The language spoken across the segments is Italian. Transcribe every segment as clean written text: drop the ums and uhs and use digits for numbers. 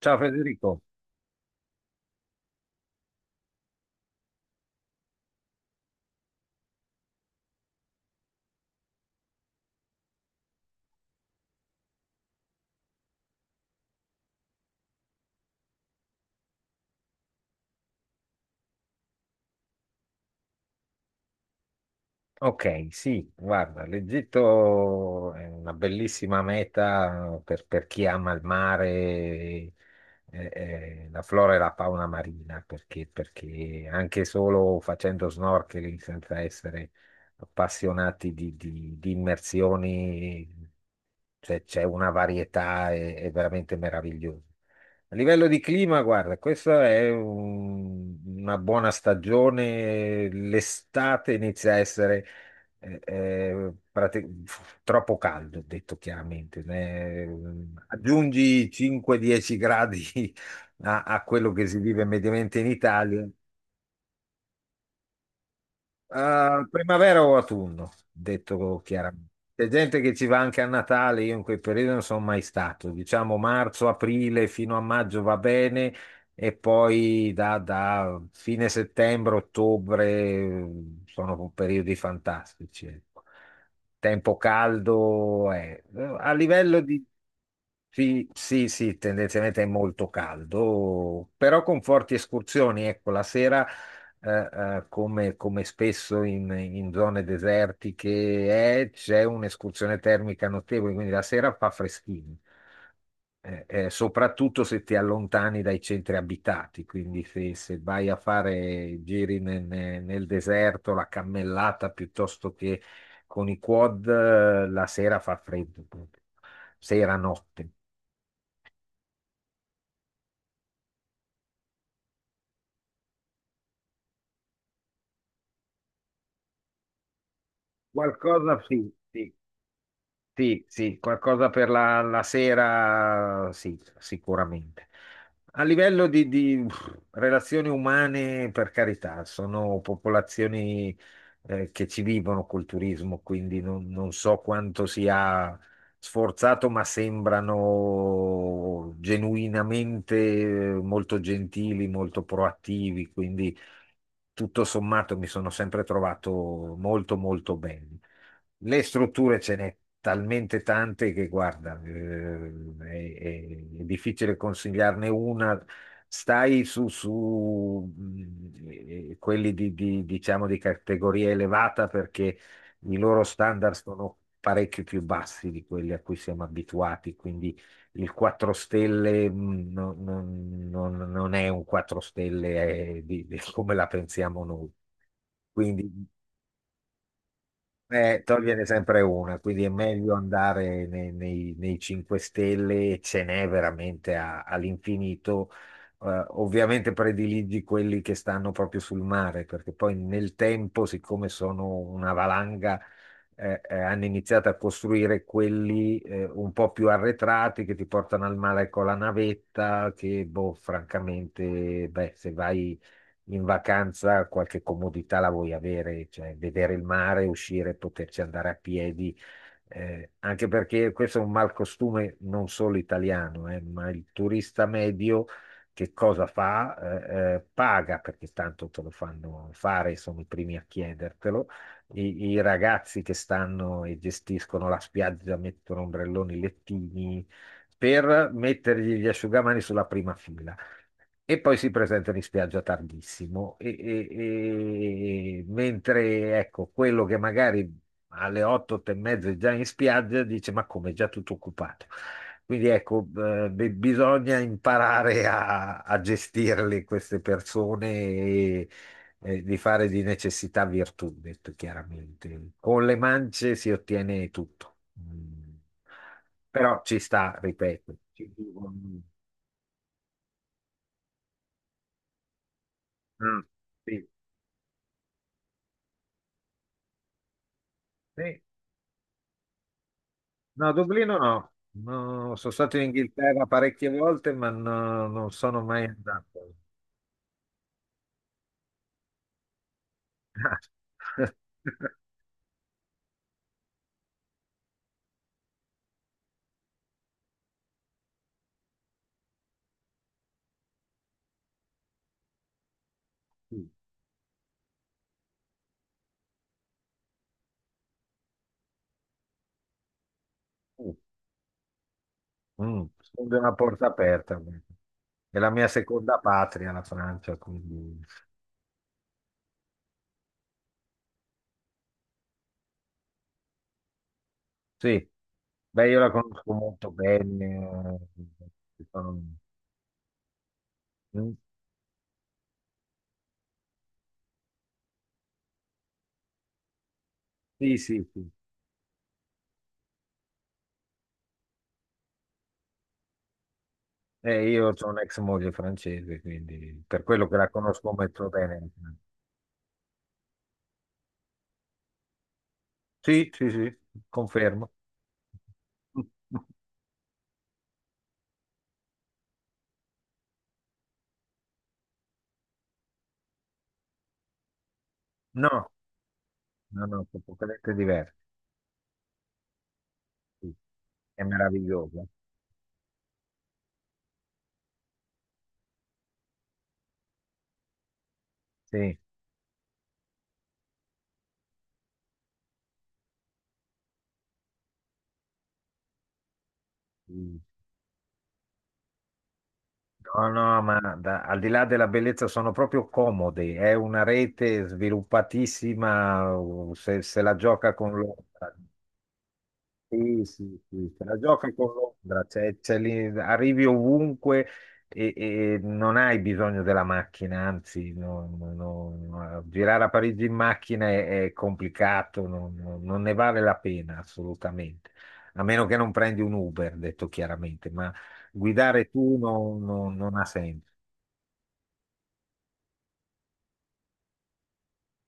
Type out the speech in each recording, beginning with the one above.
Ciao Federico. Ok, sì, guarda, l'Egitto è una bellissima meta per chi ama il mare, e la flora e la fauna marina, perché anche solo facendo snorkeling senza essere appassionati di immersioni, cioè, c'è una varietà, è veramente meravigliosa. A livello di clima, guarda, questa è una buona stagione, l'estate inizia a essere eh, eh, prati- troppo caldo, detto chiaramente. Aggiungi 5-10 gradi a quello che si vive mediamente in Italia. Primavera o autunno, detto chiaramente. C'è gente che ci va anche a Natale, io in quei periodi non sono mai stato. Diciamo marzo, aprile fino a maggio va bene, e poi da fine settembre, ottobre sono periodi fantastici, ecco, tempo caldo. A livello di. Sì, sì, sì, tendenzialmente è molto caldo, però con forti escursioni. Ecco, la sera, eh, come spesso in zone desertiche c'è un'escursione termica notevole, quindi la sera fa freschino. Soprattutto se ti allontani dai centri abitati, quindi se vai a fare giri nel deserto, la cammellata piuttosto che con i quad. La sera fa freddo, proprio. Sera, notte. Qualcosa sì, sì. Sì, sì, qualcosa per la sera, sì, sicuramente. A livello di, relazioni umane, per carità, sono popolazioni che ci vivono col turismo, quindi non so quanto sia sforzato, ma sembrano genuinamente molto gentili, molto proattivi, quindi tutto sommato mi sono sempre trovato molto molto bene. Le strutture ce n'è talmente tante che, guarda, è difficile consigliarne una. Stai su, quelli diciamo, di categoria elevata, perché i loro standard sono parecchio più bassi di quelli a cui siamo abituati, quindi il 4 stelle non è un 4 stelle come la pensiamo noi. Quindi togliene sempre una, quindi è meglio andare nei 5 Stelle, ce n'è veramente all'infinito. Ovviamente prediligi quelli che stanno proprio sul mare, perché poi nel tempo, siccome sono una valanga, hanno iniziato a costruire quelli un po' più arretrati che ti portano al mare con la navetta, che boh, francamente, beh, se vai in vacanza qualche comodità la vuoi avere, cioè vedere il mare, uscire, poterci andare a piedi. Anche perché questo è un mal costume non solo italiano. Ma il turista medio che cosa fa? Paga, perché tanto te lo fanno fare, sono i primi a chiedertelo. I ragazzi che stanno e gestiscono la spiaggia mettono ombrelloni, lettini per mettergli gli asciugamani sulla prima fila. E poi si presentano in spiaggia tardissimo, mentre ecco, quello che magari alle 8, 8 e mezza è già in spiaggia dice: "Ma come, è già tutto occupato." Quindi ecco, bisogna imparare a gestirle queste persone, e di fare di necessità virtù, detto chiaramente. Con le mance si ottiene tutto. Mm. Però ci sta, ripeto. Mm. Sì. Sì. No, Dublino no. No, sono stato in Inghilterra parecchie volte, ma no, non sono mai andato. Mm, mm. Sono di una porta aperta. È la mia seconda patria, la Francia, quindi sì. Beh, io la conosco molto bene. eh, sono- mm, Sì, sì, sì. Io ho un'ex moglie francese, quindi per quello che la conosco molto bene. Sì, sì, sì, confermo. No, no, no, completamente diverso. Sì. È meraviglioso. Sì. Mm. No, no, ma al di là della bellezza sono proprio comodi. È una rete sviluppatissima. Se la gioca con loro. Sì, sì, sì, te la gioca con Londra, cioè, lì arrivi ovunque, e non hai bisogno della macchina, anzi, no, no, no, no, girare a Parigi in macchina è complicato, non ne vale la pena assolutamente, a meno che non prendi un Uber, detto chiaramente, ma guidare tu non ha senso.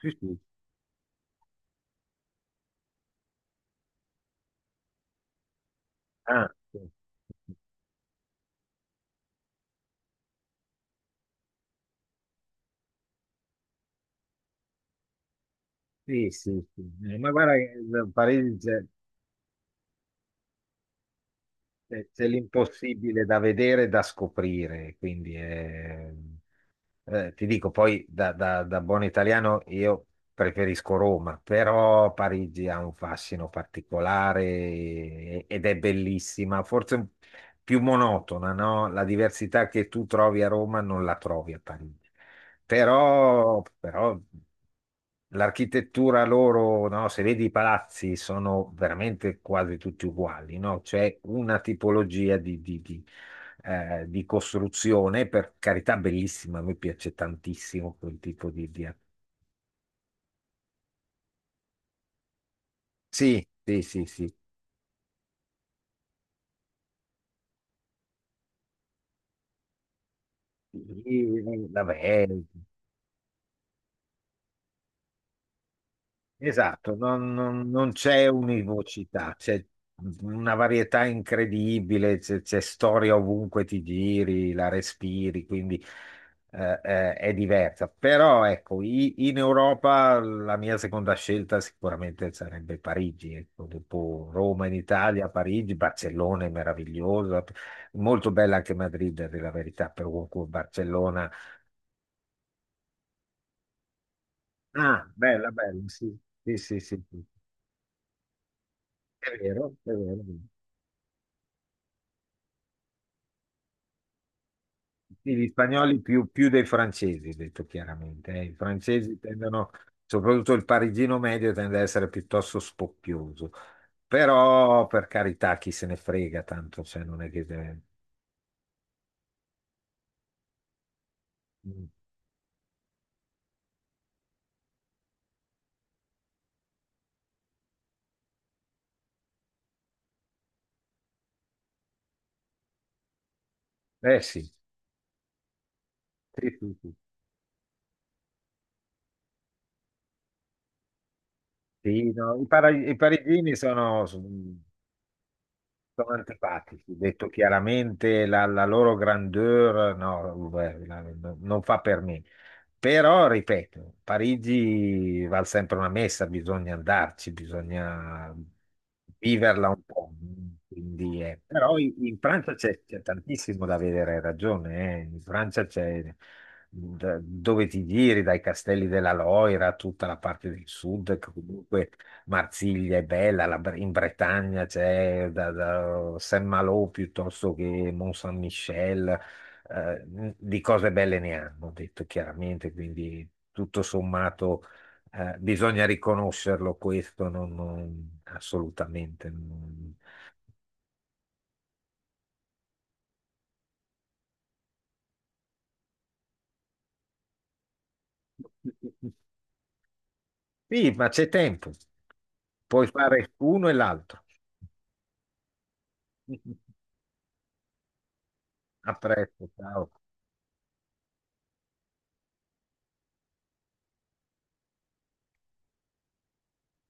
Sì, sì. Ah, sì, sì, sì, sì. Ma guarda, che Parigi. C'è l'impossibile da vedere e da scoprire, quindi ti dico, poi da buon italiano io preferisco Roma, però Parigi ha un fascino particolare ed è bellissima, forse più monotona, no? La diversità che tu trovi a Roma non la trovi a Parigi, però. L'architettura loro, no, se vedi i palazzi, sono veramente quasi tutti uguali, no? C'è una tipologia di costruzione, per carità, bellissima, a me piace tantissimo quel tipo di. Sì, sì, sì, sì. Sì, sì, sì. Vabbè, esatto, non c'è univocità, c'è una varietà incredibile, c'è storia ovunque ti giri, la respiri, quindi è diversa. Però ecco, in Europa la mia seconda scelta sicuramente sarebbe Parigi, ecco, dopo Roma in Italia, Parigi, Barcellona è meravigliosa, molto bella anche Madrid, è la verità, per Barcellona. Ah, bella, bella, sì, sì, sì, sì, sì. È vero, è vero. Sì, gli spagnoli più dei francesi, detto chiaramente. I francesi tendono, soprattutto il parigino medio, tende ad essere piuttosto spocchioso. Però, per carità, chi se ne frega tanto, cioè non è che. Mm. Eh sì, sì, sì, sì. Sì, no, i parigini sono antipatici, detto chiaramente, la loro grandeur no, beh, no, non fa per me. Però, ripeto, Parigi vale sempre una messa, bisogna andarci, bisogna viverla un po'. Quindi, però in Francia c'è tantissimo da vedere, hai ragione. In Francia c'è dove ti giri, dai castelli della Loira, tutta la parte del sud, che comunque Marsiglia è bella, in Bretagna c'è da Saint-Malo piuttosto che Mont-Saint-Michel. eh, di cose belle ne hanno, detto chiaramente, quindi tutto sommato bisogna riconoscerlo questo, assolutamente. Sì, ma c'è tempo, puoi fare uno e l'altro. A presto, ciao.